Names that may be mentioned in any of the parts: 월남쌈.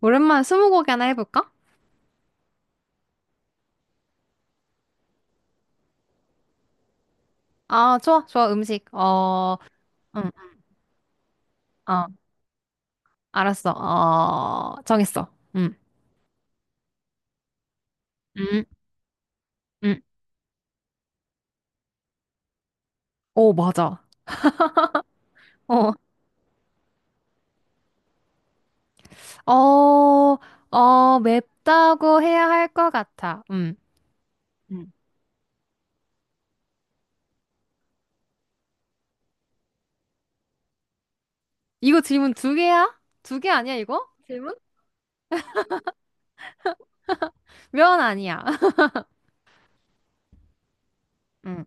오랜만에 스무고개 하나 해볼까? 아, 좋아, 좋아, 음식. 어, 응, 어, 알았어. 어, 정했어. 응, 응, 응. 오, 맞아. 어, 어, 어, 맵다고 해야 할 것 같아. 응, 응. 이거 질문 두 개야? 두 개 아니야, 이거? 질문? 면 아니야. 응.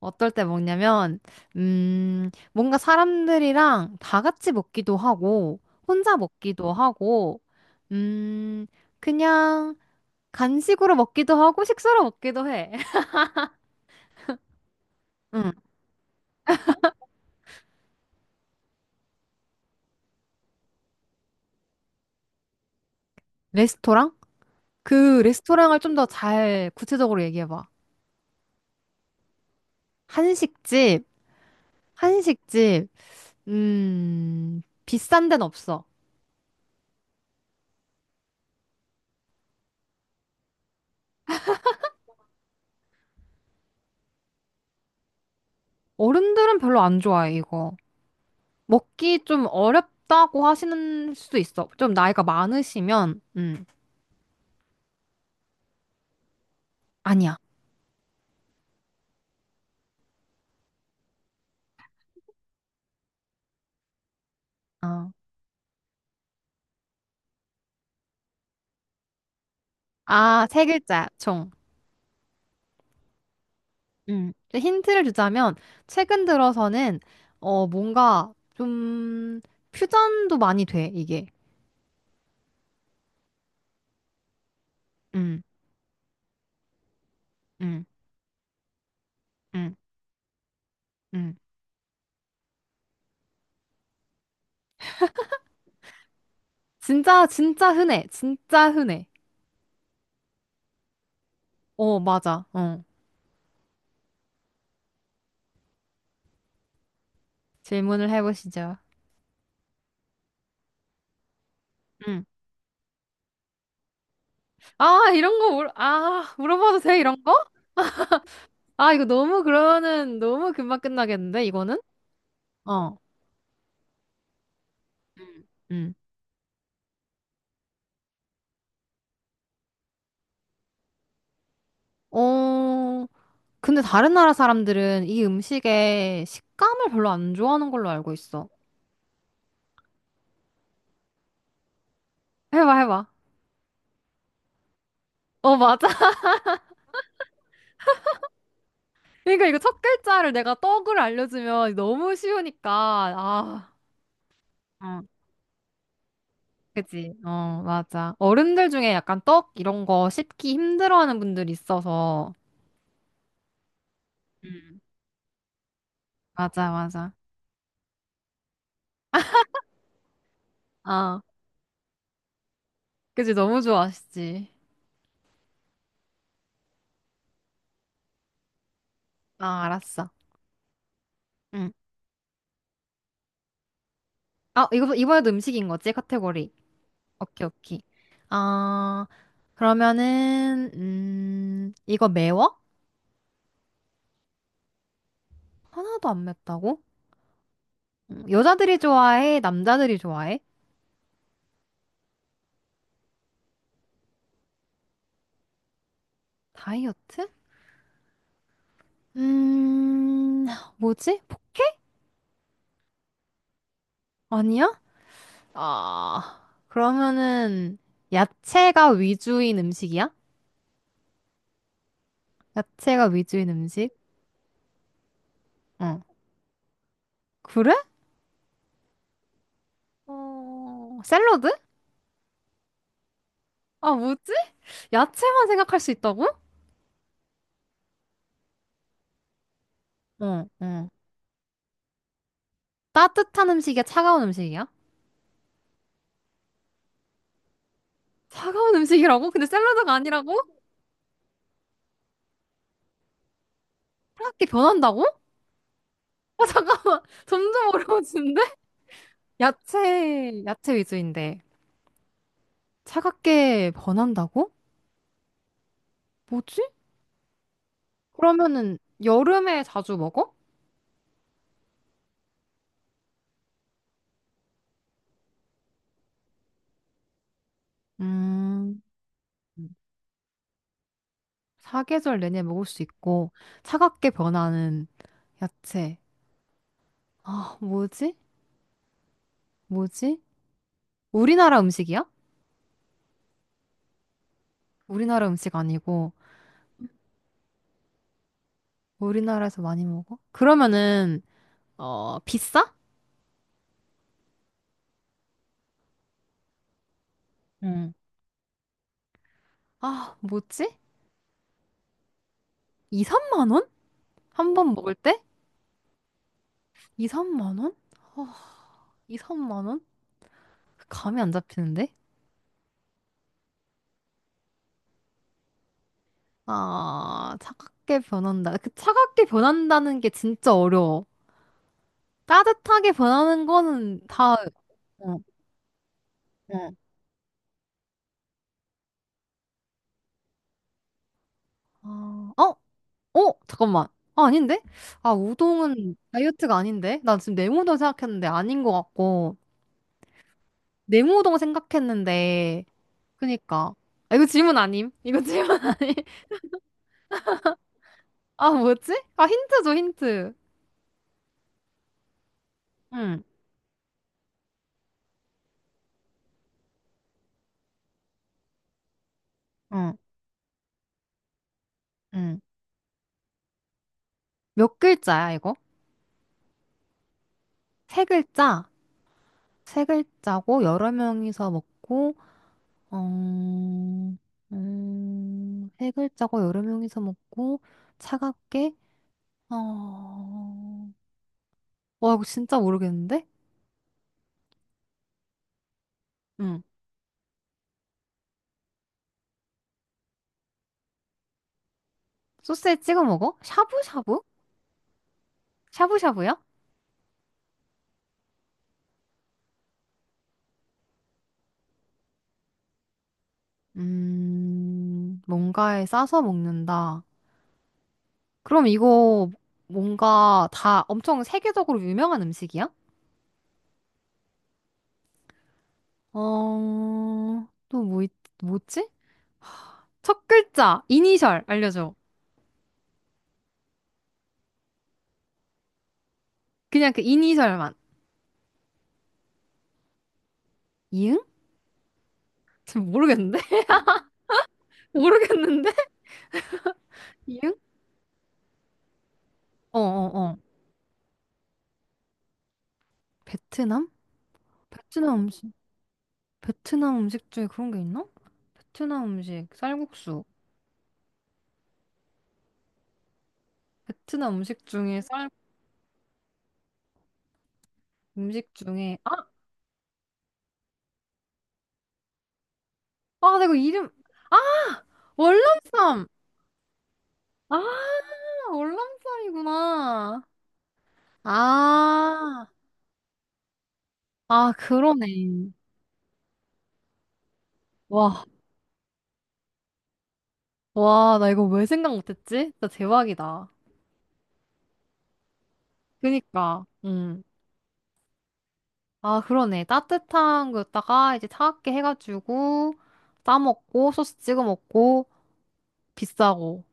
어떨 때 먹냐면, 뭔가 사람들이랑 다 같이 먹기도 하고, 혼자 먹기도 하고, 음, 그냥, 간식으로 먹기도 하고 식사로 먹기도 해. 응. 레스토랑? 그 레스토랑을 좀 더 잘 구체적으로 얘기해봐. 한식집, 한식집, 비싼 데는 없어. 어른들은 별로 안 좋아해, 이거. 먹기 좀 어렵다고 하시는 수도 있어. 좀 나이가 많으시면, 아니야. 어. 아, 세 글자, 총. 음. 힌트를 주자면, 최근 들어서는, 어, 뭔가 좀, 음, 퓨전도 많이 돼, 이게. 음, 음, 음, 음. 진짜, 진짜 흔해. 진짜 흔해. 어, 맞아. 어. 질문을 해보시죠. 음. 아, 이런 거, 아, 물어봐도 돼, 이런 거? 아, 이거 너무 그러면은, 너무 금방 끝나겠는데, 이거는? 어, 음. 어, 근데 다른 나라 사람들은 이 음식의 식감을 별로 안 좋아하는 걸로 알고 있어. 해봐, 해봐. 어, 맞아. 그러니까 이거 첫 글자를 내가 떡을 알려주면 너무 쉬우니까, 아. 그지? 어, 맞아. 어른들 중에 약간 떡 이런 거 씹기 힘들어하는 분들이 있어서. 음. 맞아, 맞아. 아, 그지? 너무 좋아하시지. 아, 알았어. 응. 아, 이번에도 음식인 거지? 카테고리. 오케이, 오케이. 아, 그러면은, 이거 매워? 하나도 안 맵다고? 여자들이 좋아해? 남자들이 좋아해? 다이어트? 음, 뭐지? 포케? 아니야? 아, 그러면은 야채가 위주인 음식이야? 야채가 위주인 음식? 어. 그래? 어, 샐러드? 아, 뭐지? 야채만 생각할 수 있다고? 어, 어. 따뜻한 음식이야? 차가운 음식이야? 차가운 음식이라고? 근데 샐러드가 아니라고? 그렇게 변한다고? 어, 잠깐만. 점점 어려워지는데? 야채 위주인데. 차갑게 변한다고? 뭐지? 그러면은 여름에 자주 먹어? 음. 사계절 내내 먹을 수 있고 차갑게 변하는 야채. 아, 뭐지? 뭐지? 우리나라 음식이야? 우리나라 음식 아니고 우리나라에서 많이 먹어? 그러면은 어, 비싸? 응. 아, 뭐지? 2, 3만 원? 한 번 먹을 때? 2, 3만 원? 아, 2, 3만 원? 그 감이 안 잡히는데? 아, 차갑게 변한다. 그 차갑게 변한다는 게 진짜 어려워. 따뜻하게 변하는 거는 다, 응. 응. 아, 어? 어? 잠깐만. 아, 아닌데? 아, 우동은 다이어트가 아닌데? 나 지금 냉우동 생각했는데 아닌 것 같고. 냉우동 생각했는데. 그니까. 아, 이거 질문 아님? 이거 질문 아님? 아, 뭐였지? 아, 힌트 줘, 힌트. 응, 응, 응. 몇 글자야, 이거? 세 글자? 세 글자고, 여러 명이서 먹고, 어, 세 글자고, 여러 명이서 먹고, 차갑게, 어, 와, 이거 진짜 모르겠는데? 응. 소스에 찍어 먹어? 샤브샤브? 샤브샤브야? 뭔가에 싸서 먹는다. 그럼 이거 뭔가 다 엄청 세계적으로 유명한 음식이야? 어, 또 뭐, 뭐지? 첫 글자, 이니셜 알려줘. 그냥 그 이니셜만. 이응? 지금 모르겠는데? 모르겠는데? 이응? 어, 어, 어. 베트남? 베트남 음식. 베트남 음식 중에 그런 게 있나? 베트남 음식, 쌀국수. 베트남 음식 중에 쌀 음식 중에 아, 아 내가 이름. 아, 월남쌈. 아, 월남쌈이구나. 아. 아, 그러네. 와. 와, 나 이거 왜 생각 못했지. 진짜 대박이다. 그니까. 음아, 그러네. 따뜻한 거였다가 이제 차갑게 해가지고 싸 먹고 소스 찍어 먹고 비싸고.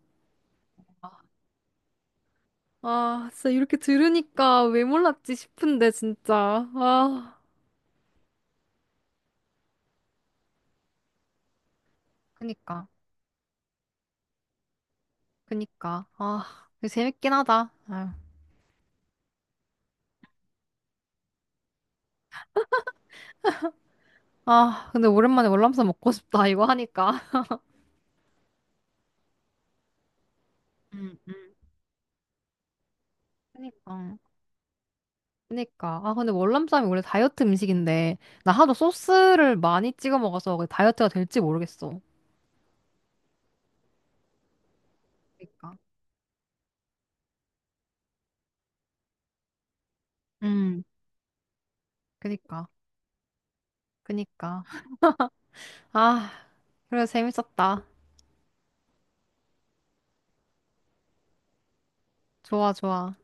아, 진짜 이렇게 들으니까 왜 몰랐지 싶은데. 진짜. 아, 그니까 그니까. 아, 이거 재밌긴 하다. 아유. 아, 근데 오랜만에 월남쌈 먹고 싶다. 이거 하니까. 음, 음. 그니까. 그니까. 아, 근데 월남쌈이 원래 다이어트 음식인데, 나 하도 소스를 많이 찍어 먹어서 그게 다이어트가 될지 모르겠어. 그니까. 음. 그니까. 그니까. 아, 그래, 재밌었다. 좋아, 좋아.